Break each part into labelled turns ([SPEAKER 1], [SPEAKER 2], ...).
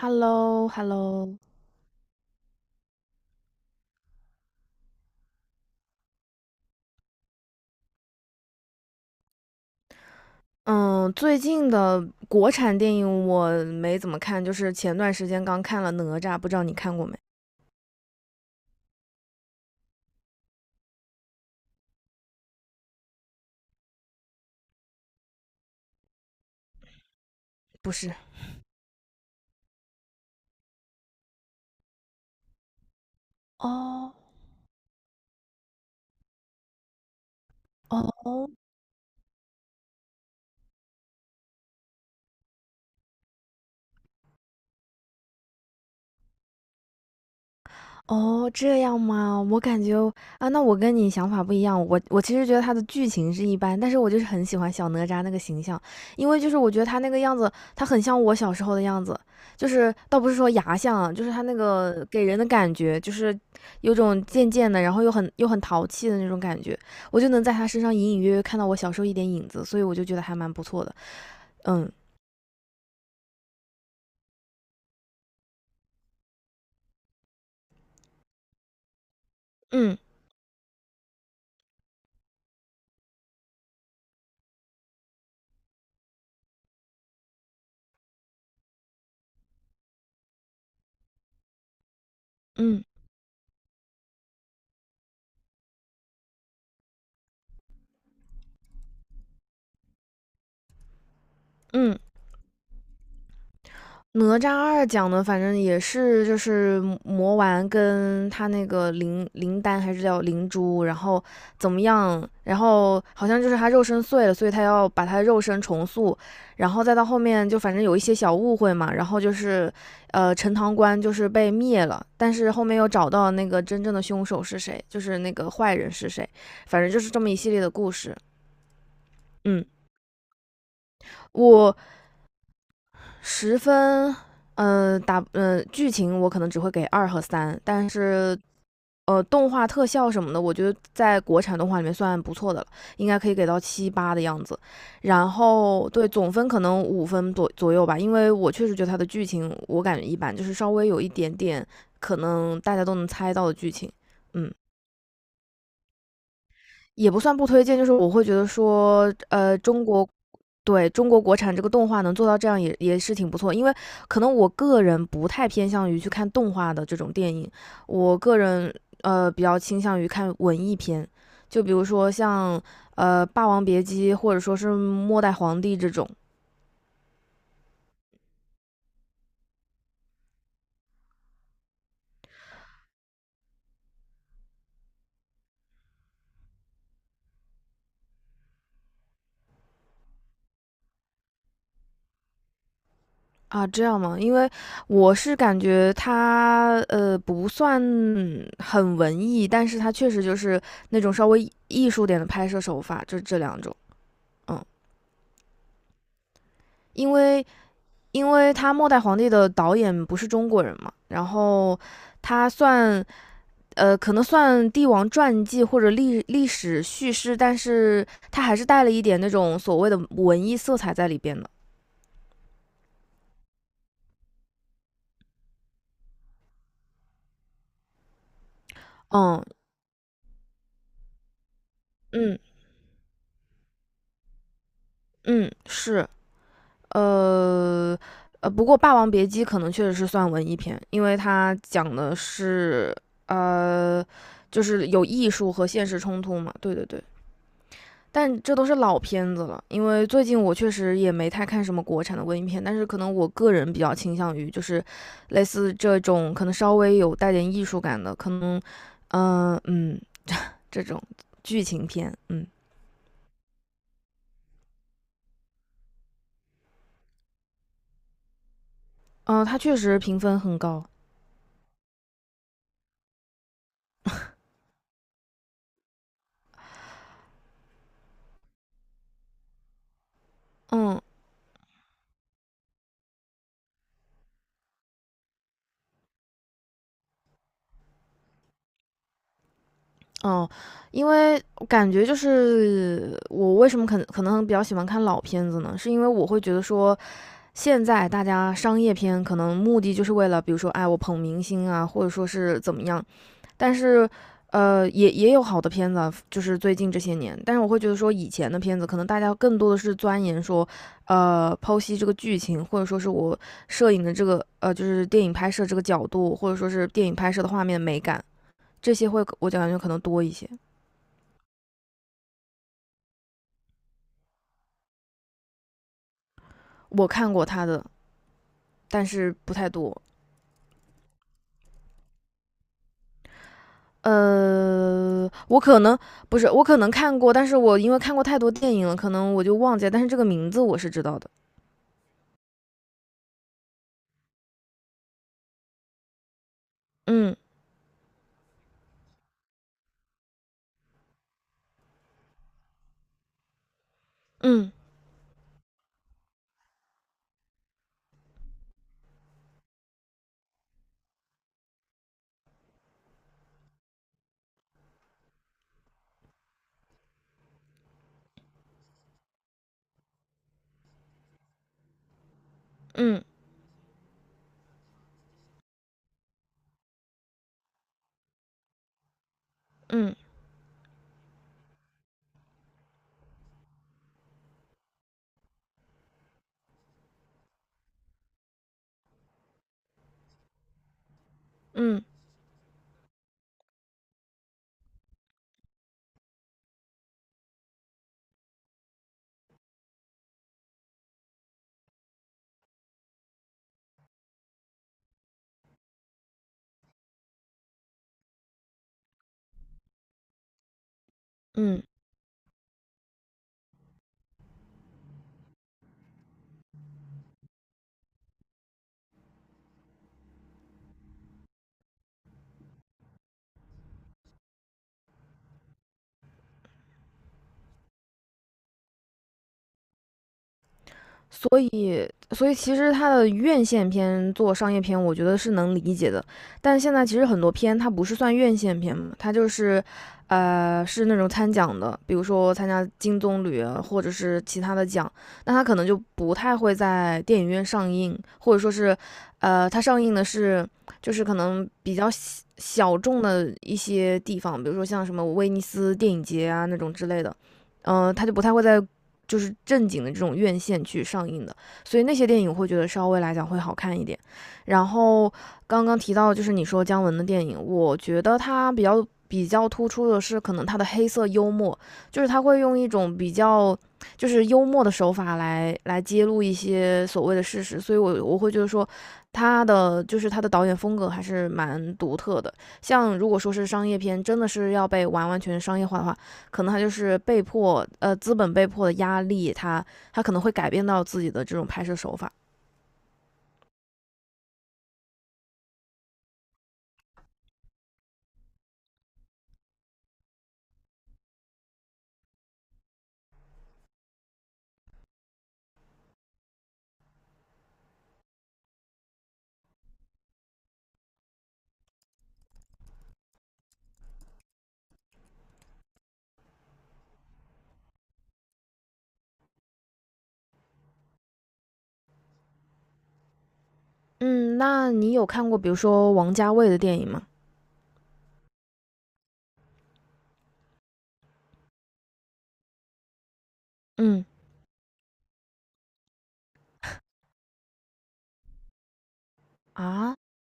[SPEAKER 1] h e l l o h e l l o. 嗯，最近的国产电影我没怎么看，就是前段时间刚看了《哪吒》，不知道你看过没？不是。哦哦，哦，这样吗？我感觉啊，那我跟你想法不一样。我其实觉得他的剧情是一般，但是我就是很喜欢小哪吒那个形象，因为就是我觉得他那个样子，他很像我小时候的样子，就是倒不是说牙像啊，就是他那个给人的感觉，就是有种贱贱的，然后又很淘气的那种感觉，我就能在他身上隐隐约约看到我小时候一点影子，所以我就觉得还蛮不错的。嗯。嗯。嗯。嗯。哪吒二讲的，反正也是就是魔丸跟他那个灵丹还是叫灵珠，然后怎么样？然后好像就是他肉身碎了，所以他要把他肉身重塑，然后再到后面就反正有一些小误会嘛，然后就是陈塘关就是被灭了，但是后面又找到那个真正的凶手是谁，就是那个坏人是谁，反正就是这么一系列的故事。嗯，我十分。剧情我可能只会给二和三，但是动画特效什么的，我觉得在国产动画里面算不错的了，应该可以给到七八的样子。然后对总分可能五分左右吧，因为我确实觉得它的剧情我感觉一般，就是稍微有一点点可能大家都能猜到的剧情。嗯，也不算不推荐，就是我会觉得说，对中国国产这个动画能做到这样也是挺不错，因为可能我个人不太偏向于去看动画的这种电影，我个人比较倾向于看文艺片，就比如说像《霸王别姬》或者说是《末代皇帝》这种。啊，这样吗？因为我是感觉它不算很文艺，但是它确实就是那种稍微艺术点的拍摄手法，就这两种。嗯，因为因为他《末代皇帝》的导演不是中国人嘛，然后他算可能算帝王传记或者历史叙事，但是他还是带了一点那种所谓的文艺色彩在里边的。嗯。嗯。嗯，是。呃不过《霸王别姬》可能确实是算文艺片，因为它讲的是呃，就是有艺术和现实冲突嘛。对对对。但这都是老片子了，因为最近我确实也没太看什么国产的文艺片，但是可能我个人比较倾向于就是类似这种可能稍微有带点艺术感的，可能，嗯、呃嗯，这种剧情片。嗯。嗯，它确实评分很高。嗯。哦，因为我感觉就是我为什么可能比较喜欢看老片子呢？是因为我会觉得说，现在大家商业片可能目的就是为了，比如说，哎，我捧明星啊，或者说是怎么样，但是，也有好的片子啊就是最近这些年。但是我会觉得说，以前的片子可能大家更多的是钻研说，剖析这个剧情，或者说是我摄影的这个，就是电影拍摄这个角度，或者说是电影拍摄的画面美感，这些会我感觉可能多一些。我看过他的，但是不太多。呃，我可能不是，我可能看过，但是我因为看过太多电影了，可能我就忘记了。但是这个名字我是知道的。嗯。嗯。嗯。嗯。嗯。嗯，所以其实他的院线片做商业片，我觉得是能理解的。但现在其实很多片它不是算院线片嘛，它就是，是那种参奖的，比如说参加金棕榈啊或者是其他的奖，那它可能就不太会在电影院上映，或者说是，它上映的是就是可能比较小众的一些地方，比如说像什么威尼斯电影节啊那种之类的。它就不太会在就是正经的这种院线去上映的，所以那些电影我会觉得稍微来讲会好看一点。然后刚刚提到就是你说姜文的电影，我觉得他比较突出的是可能他的黑色幽默，就是他会用一种比较就是幽默的手法来揭露一些所谓的事实，所以我会觉得说他的就是他的导演风格还是蛮独特的。像如果说是商业片，真的是要被完全商业化的话，可能他就是被迫，资本被迫的压力，他可能会改变到自己的这种拍摄手法。嗯，那你有看过比如说王家卫的电影吗？嗯啊。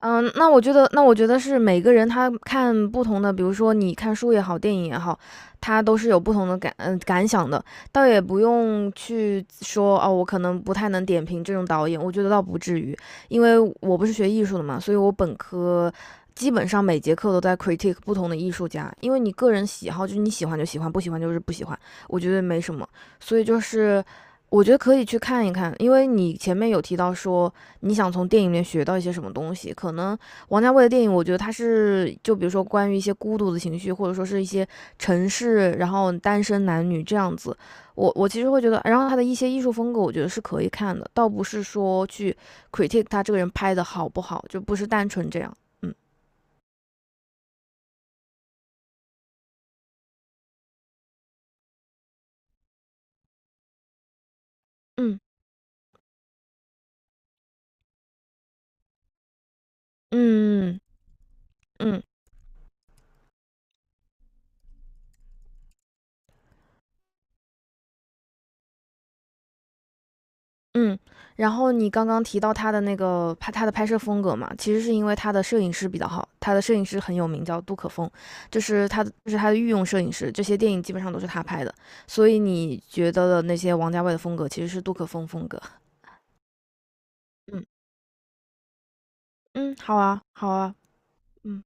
[SPEAKER 1] 嗯，那我觉得是每个人他看不同的，比如说你看书也好，电影也好，他都是有不同的感想的，倒也不用去说哦，我可能不太能点评这种导演，我觉得倒不至于，因为我不是学艺术的嘛，所以我本科基本上每节课都在 critique 不同的艺术家，因为你个人喜好就是你喜欢就喜欢，不喜欢就是不喜欢，我觉得没什么，所以就是我觉得可以去看一看，因为你前面有提到说你想从电影里面学到一些什么东西？可能王家卫的电影，我觉得他是就比如说关于一些孤独的情绪，或者说是一些城市，然后单身男女这样子。我其实会觉得，然后他的一些艺术风格，我觉得是可以看的，倒不是说去 critique 他这个人拍的好不好，就不是单纯这样。嗯。嗯。嗯。嗯。嗯，然后你刚刚提到他的那个拍他的拍摄风格嘛，其实是因为他的摄影师比较好，他的摄影师很有名，叫杜可风，就是他的，就是他的御用摄影师，这些电影基本上都是他拍的，所以你觉得的那些王家卫的风格其实是杜可风风格。嗯。嗯，好啊好啊。嗯。